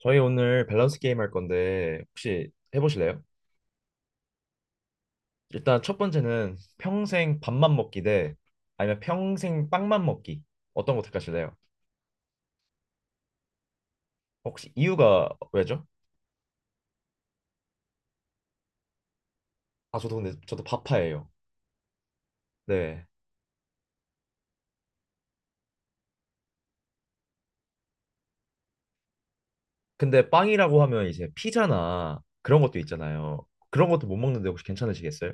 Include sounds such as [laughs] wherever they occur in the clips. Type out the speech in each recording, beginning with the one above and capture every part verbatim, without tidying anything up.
저희 오늘 밸런스 게임 할 건데 혹시 해보실래요? 일단 첫 번째는 평생 밥만 먹기 대 아니면 평생 빵만 먹기, 어떤 거 택하실래요? 혹시 이유가 왜죠? 아, 저도 근데 저도 밥파예요. 네. 근데 빵이라고 하면 이제 피자나 그런 것도 있잖아요. 그런 것도 못 먹는데 혹시 괜찮으시겠어요?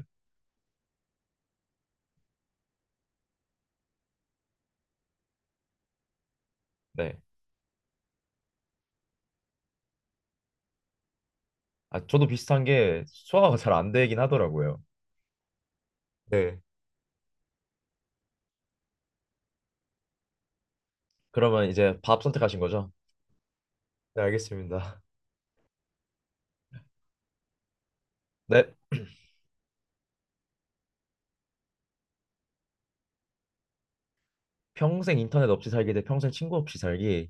네. 아, 저도 비슷한 게 소화가 잘 안 되긴 하더라고요. 네. 그러면 이제 밥 선택하신 거죠? 네, 알겠습니다. [laughs] 네. 평생 인터넷 없이 살기 대 평생 친구 없이 살기.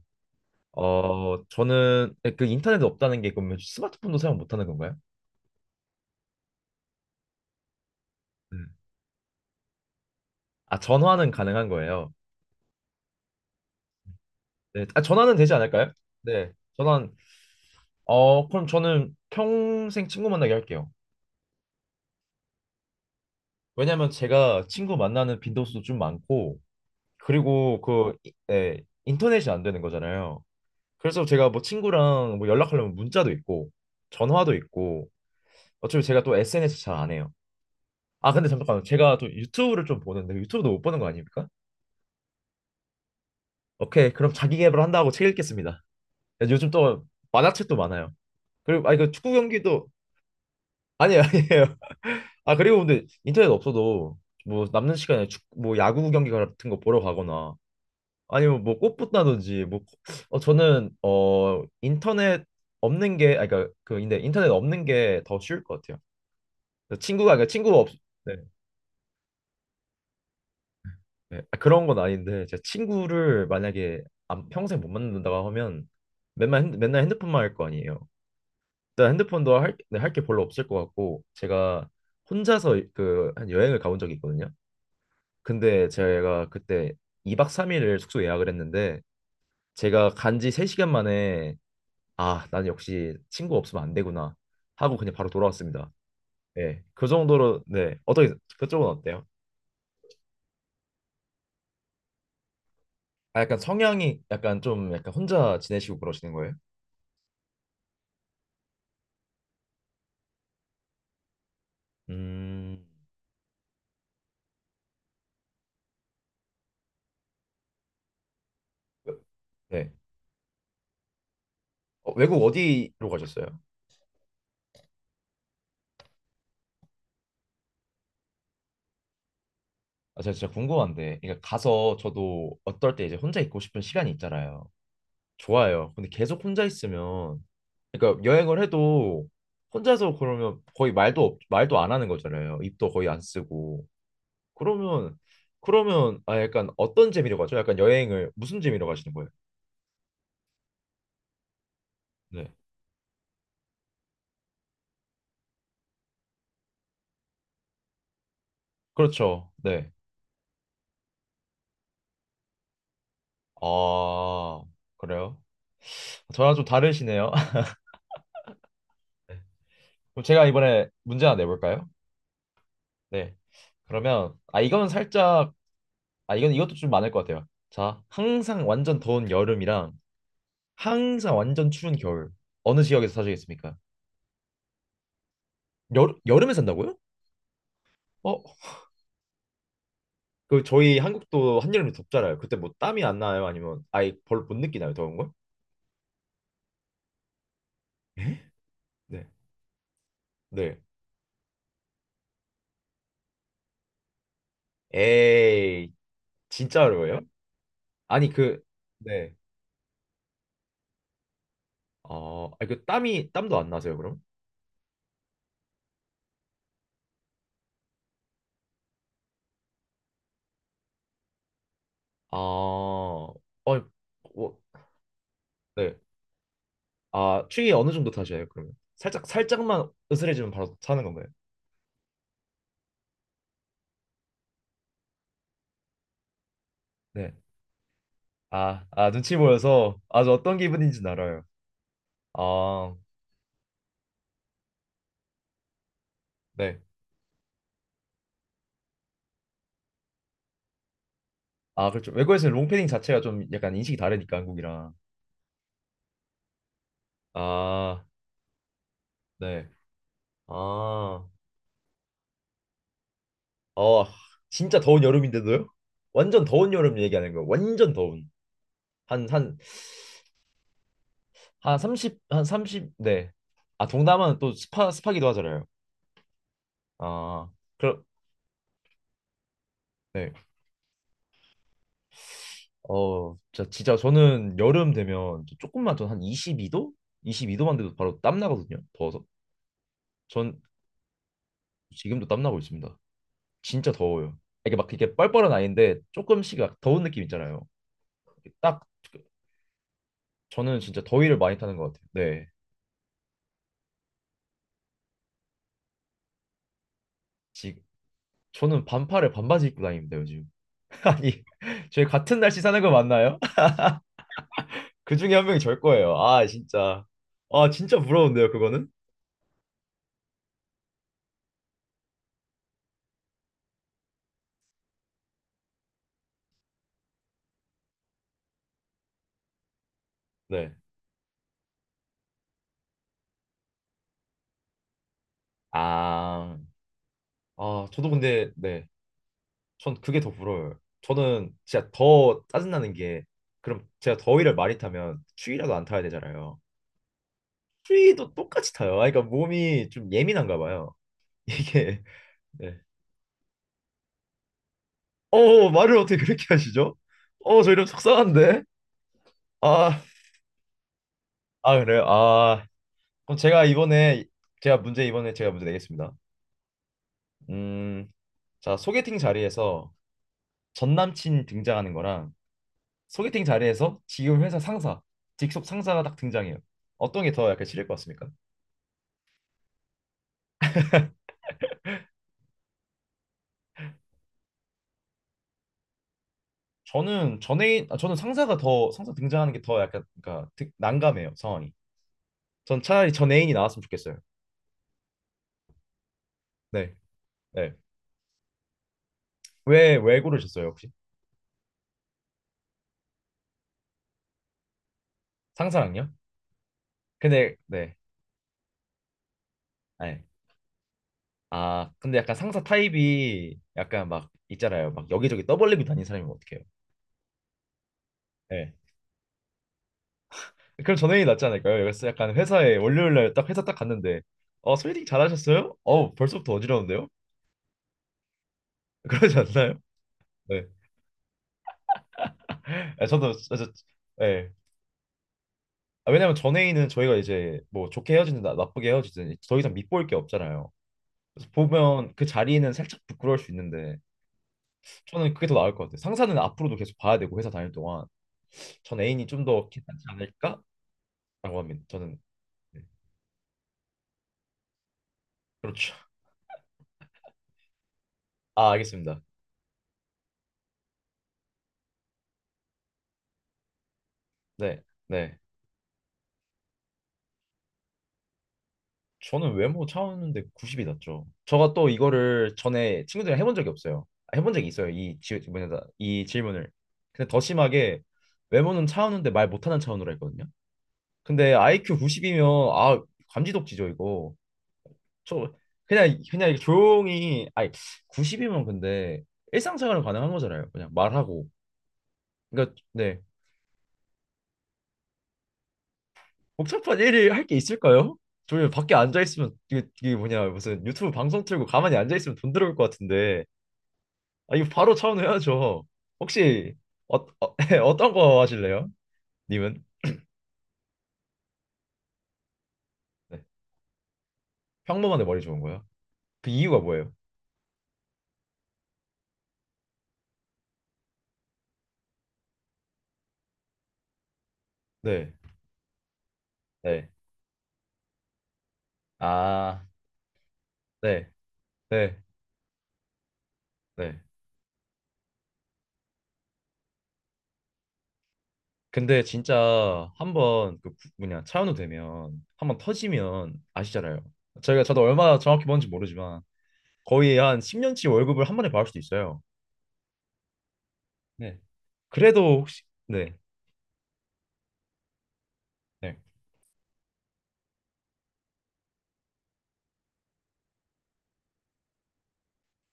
어, 저는 그 인터넷 없다는 게, 그러면 스마트폰도 사용 못하는 건가요? 네. 아, 전화는 가능한 거예요? 네, 아, 전화는 되지 않을까요? 네, 전화는, 어, 그럼 저는 평생 친구 만나게 할게요. 왜냐면 제가 친구 만나는 빈도수도 좀 많고, 그리고 그 이- 네, 인터넷이 안 되는 거잖아요. 그래서 제가 뭐 친구랑 뭐 연락하려면 문자도 있고 전화도 있고, 어차피 제가 또 에스엔에스 잘 안 해요. 아, 근데 잠깐만, 제가 또 유튜브를 좀 보는데 유튜브도 못 보는 거 아닙니까? 오케이, 그럼 자기 계발 한다고 책 읽겠습니다. 요즘 또 만화책도 많아요. 그리고 아 이거 축구 경기도. [laughs] 아니, 아니에요. 아, 그리고 근데 인터넷 없어도 뭐 남는 시간에 축 뭐 야구 경기 같은 거 보러 가거나 아니면 뭐 꽃보다든지 뭐. 어, 저는 어 인터넷 없는 게 아니 그러니까 그 근데 인터넷 없는 게 더 쉬울 것 같아요. 친구가 그러니까 친구 없 네, 네. 아, 그런 건 아닌데 제가 친구를 만약에 안- 평생 못 만난다고 하면 맨날 핸드- 맨날 핸드폰만 할 거 아니에요. 일단 핸드폰도 할, 네, 할게 별로 없을 것 같고, 제가 혼자서 그 한 여행을 가본 적이 있거든요. 근데 제가 그때 이 박 삼 일을 숙소 예약을 했는데, 제가 간지 세 시간 만에 "아, 난 역시 친구 없으면 안 되구나" 하고 그냥 바로 돌아왔습니다. 예. 그 정도로. 네. 어떻게, 그쪽은 어때요? 아, 약간 성향이 약간 좀 약간 혼자 지내시고 그러시는 거예요? 음. 네. 어, 외국 어디로 가셨어요? 아, 제가 진짜 궁금한데, 그러니까 가서 저도 어떨 때 이제 혼자 있고 싶은 시간이 있잖아요. 좋아요. 근데 계속 혼자 있으면, 그러니까 여행을 해도 혼자서, 그러면 거의 말도 없- 말도 안 하는 거잖아요. 입도 거의 안 쓰고. 그러면, 그러면 아 약간 어떤 재미로 가죠? 약간 여행을 무슨 재미로 가시는 거예요? 네, 그렇죠. 네. 아, 그래요? 저랑 좀 다르시네요. [laughs] 그럼 제가 이번에 문제 하나 내볼까요? 네. 그러면 아 이건 살짝, 아, 이건 이것도 좀 많을 것 같아요. 자, 항상 완전 더운 여름이랑 항상 완전 추운 겨울, 어느 지역에서 사시겠습니까? 여, 여름에 산다고요? 어, 그 저희 한국도 한여름에 덥잖아요. 그때 뭐 땀이 안 나요? 아니면 아예 별로 못 느끼나요? 더운 걸? 네. 네. 에이, 진짜 어려워요? 아니 그, 네. 어, 아니 그 땀이 땀도 안 나세요, 그럼? 아, 어, 어, 네. 아, 추위 어느 정도 타셔요, 그러면? 살짝 살짝만 으스해지면 바로 사는 건가요? 네. 아, 아, 눈치 보여서, 아주 어떤 기분인지는 알아요. 아, 네. 아, 그렇죠. 외국에서는 롱패딩 자체가 좀 약간 인식이 다르니까, 한국이랑. 아, 네. 아, 어, 진짜 더운 여름인데도요? 완전 더운 여름 얘기하는 거예요. 완전 더운. 한, 한, 한 삼십, 한 삼십 네. 아, 동남아는 또 습하, 습하기도 하잖아요. 아, 그럼, 네. 어, 진짜, 진짜 저는 여름 되면 조금만 더 한 이십이 도? 이십이 도만 돼도 바로 땀 나거든요. 더워서. 전 지금도 땀나고 있습니다. 진짜 더워요. 아, 이게 막 이게 뻘뻘한 아이인데 조금씩 막 더운 느낌 있잖아요. 딱. 저는 진짜 더위를 많이 타는 것 같아요. 네. 지, 저는 반팔에 반바지 입고 다닙니다, 요즘. [laughs] 아니, 저희 같은 날씨 사는 거 맞나요? [laughs] 그 중에 한 명이 절 거예요. 아, 진짜. 아, 진짜 부러운데요, 그거는? 네. 아, 아, 저도 근데, 네. 전 그게 더 부러워요. 저는 진짜 더 짜증나는 게, 그럼 제가 더위를 많이 타면 추위라도 안 타야 되잖아요. 추위도 똑같이 타요. 아, 그러니까 몸이 좀 예민한가 봐요. 이게. [laughs] 네. 어 어, 어, 말을 어떻게 그렇게 하시죠? 어 저 이러면 속상한데. 아, 아 그래요. 아 그럼 제가 이번에, 제가 문제 이번에 제가 문제 내겠습니다. 음, 자, 소개팅 자리에서 전 남친 등장하는 거랑 소개팅 자리에서 지금 회사 상사, 직속 상사가 딱 등장해요. 어떤 게 더 약간 싫을 것 같습니까? 저는 전애인 아, 저는 상사가 더 상사 등장하는 게 더 약간, 그러니까 득- 난감해요, 상황이. 전 차라리 전 애인이 나왔으면 좋겠어요. 네, 네. 왜, 왜 고르셨어요, 혹시? 상사랑요? 근데, 네. 네. 아, 근데 약간 상사 타입이 약간 막 있잖아요. 막 여기저기 떠벌리고 다니는 사람이면 어떡해요? 네. 그럼 전형이 낫지 않을까요? 그래서 약간 회사에 월요일 날 딱, 회사 딱 갔는데, 어, 소개팅 잘하셨어요? 어, 벌써부터 어지러운데요? [laughs] 그러지 않나요? 네. 아, 저도, 저, 저, 네. 아, 왜냐면 전회의는 저희가 이제 뭐 좋게 헤어지든 나, 나쁘게 헤어지든 더 이상 밑보일 게 없잖아요. 그래서 보면 그 자리는 살짝 부끄러울 수 있는데, 저는 그게 더 나을 것 같아요. 상사는 앞으로도 계속 봐야 되고 회사 다닐 동안. 전 애인이 좀 더 괜찮지 않을까라고 합니다. 저는. 네. 그렇죠. 아, 알겠습니다. 네, 네. 저는 외모 차원인데 구십이 낫죠. 저가 또 이거를 전에 친구들이랑 해본 적이 없어요. 아, 해본 적이 있어요. 이 지, 뭐냐, 이 질문을. 근데 더 심하게, 외모는 차우는데 말 못하는 차원으로 했거든요. 근데 아이큐 구십이면 아 감지덕지죠 이거. 저, 그냥 그냥 조용히, 아니 구십이면 근데 일상생활은 가능한 거잖아요. 그냥 말하고. 그러니까 네. 복잡한 일을 할 게 있을까요? 저희 밖에 앉아 있으면 이게, 이게 뭐냐 무슨 유튜브 방송 틀고 가만히 앉아 있으면 돈 들어올 것 같은데. 아 이거 바로 차원해야죠. 혹시 어, 어, [laughs] 어떤 거 하실래요? 님은? 네. 평범한데 머리 좋은 거요? 그 이유가 뭐예요? 네. 네. 아, 네. 네. 네. 근데 진짜 한번 그 부- 뭐냐 차은우 되면 한 번 터지면 아시잖아요. 저희가 저도 얼마 정확히 뭔지 모르지만 거의 한 십 년치 월급을 한 번에 받을 수도 있어요. 네. 그래도 혹시 네. 네.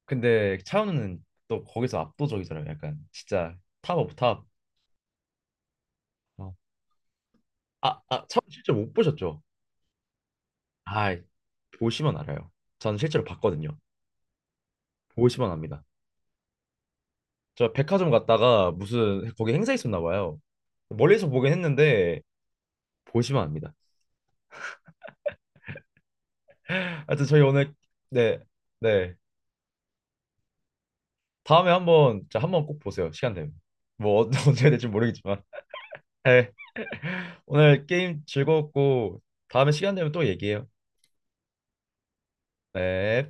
근데 차은우는 또 거기서 압도적이잖아요. 약간 진짜 탑 오브 탑. 어. 아, 아, 차은우 실제로 못 보셨죠? 아, 보시면 알아요. 저는 실제로 봤거든요. 보시면 압니다. 저 백화점 갔다가 무슨 거기 행사 있었나 봐요. 멀리서 보긴 했는데 보시면 압니다. 하여튼 저희 오늘, 네, 네. 다음에 한번 자, 한번 꼭 보세요. 시간 되면. 뭐 언- [laughs] 언제 될지 모르겠지만. 네. 오늘 게임 즐거웠고 다음에 시간 되면 또 얘기해요. 네.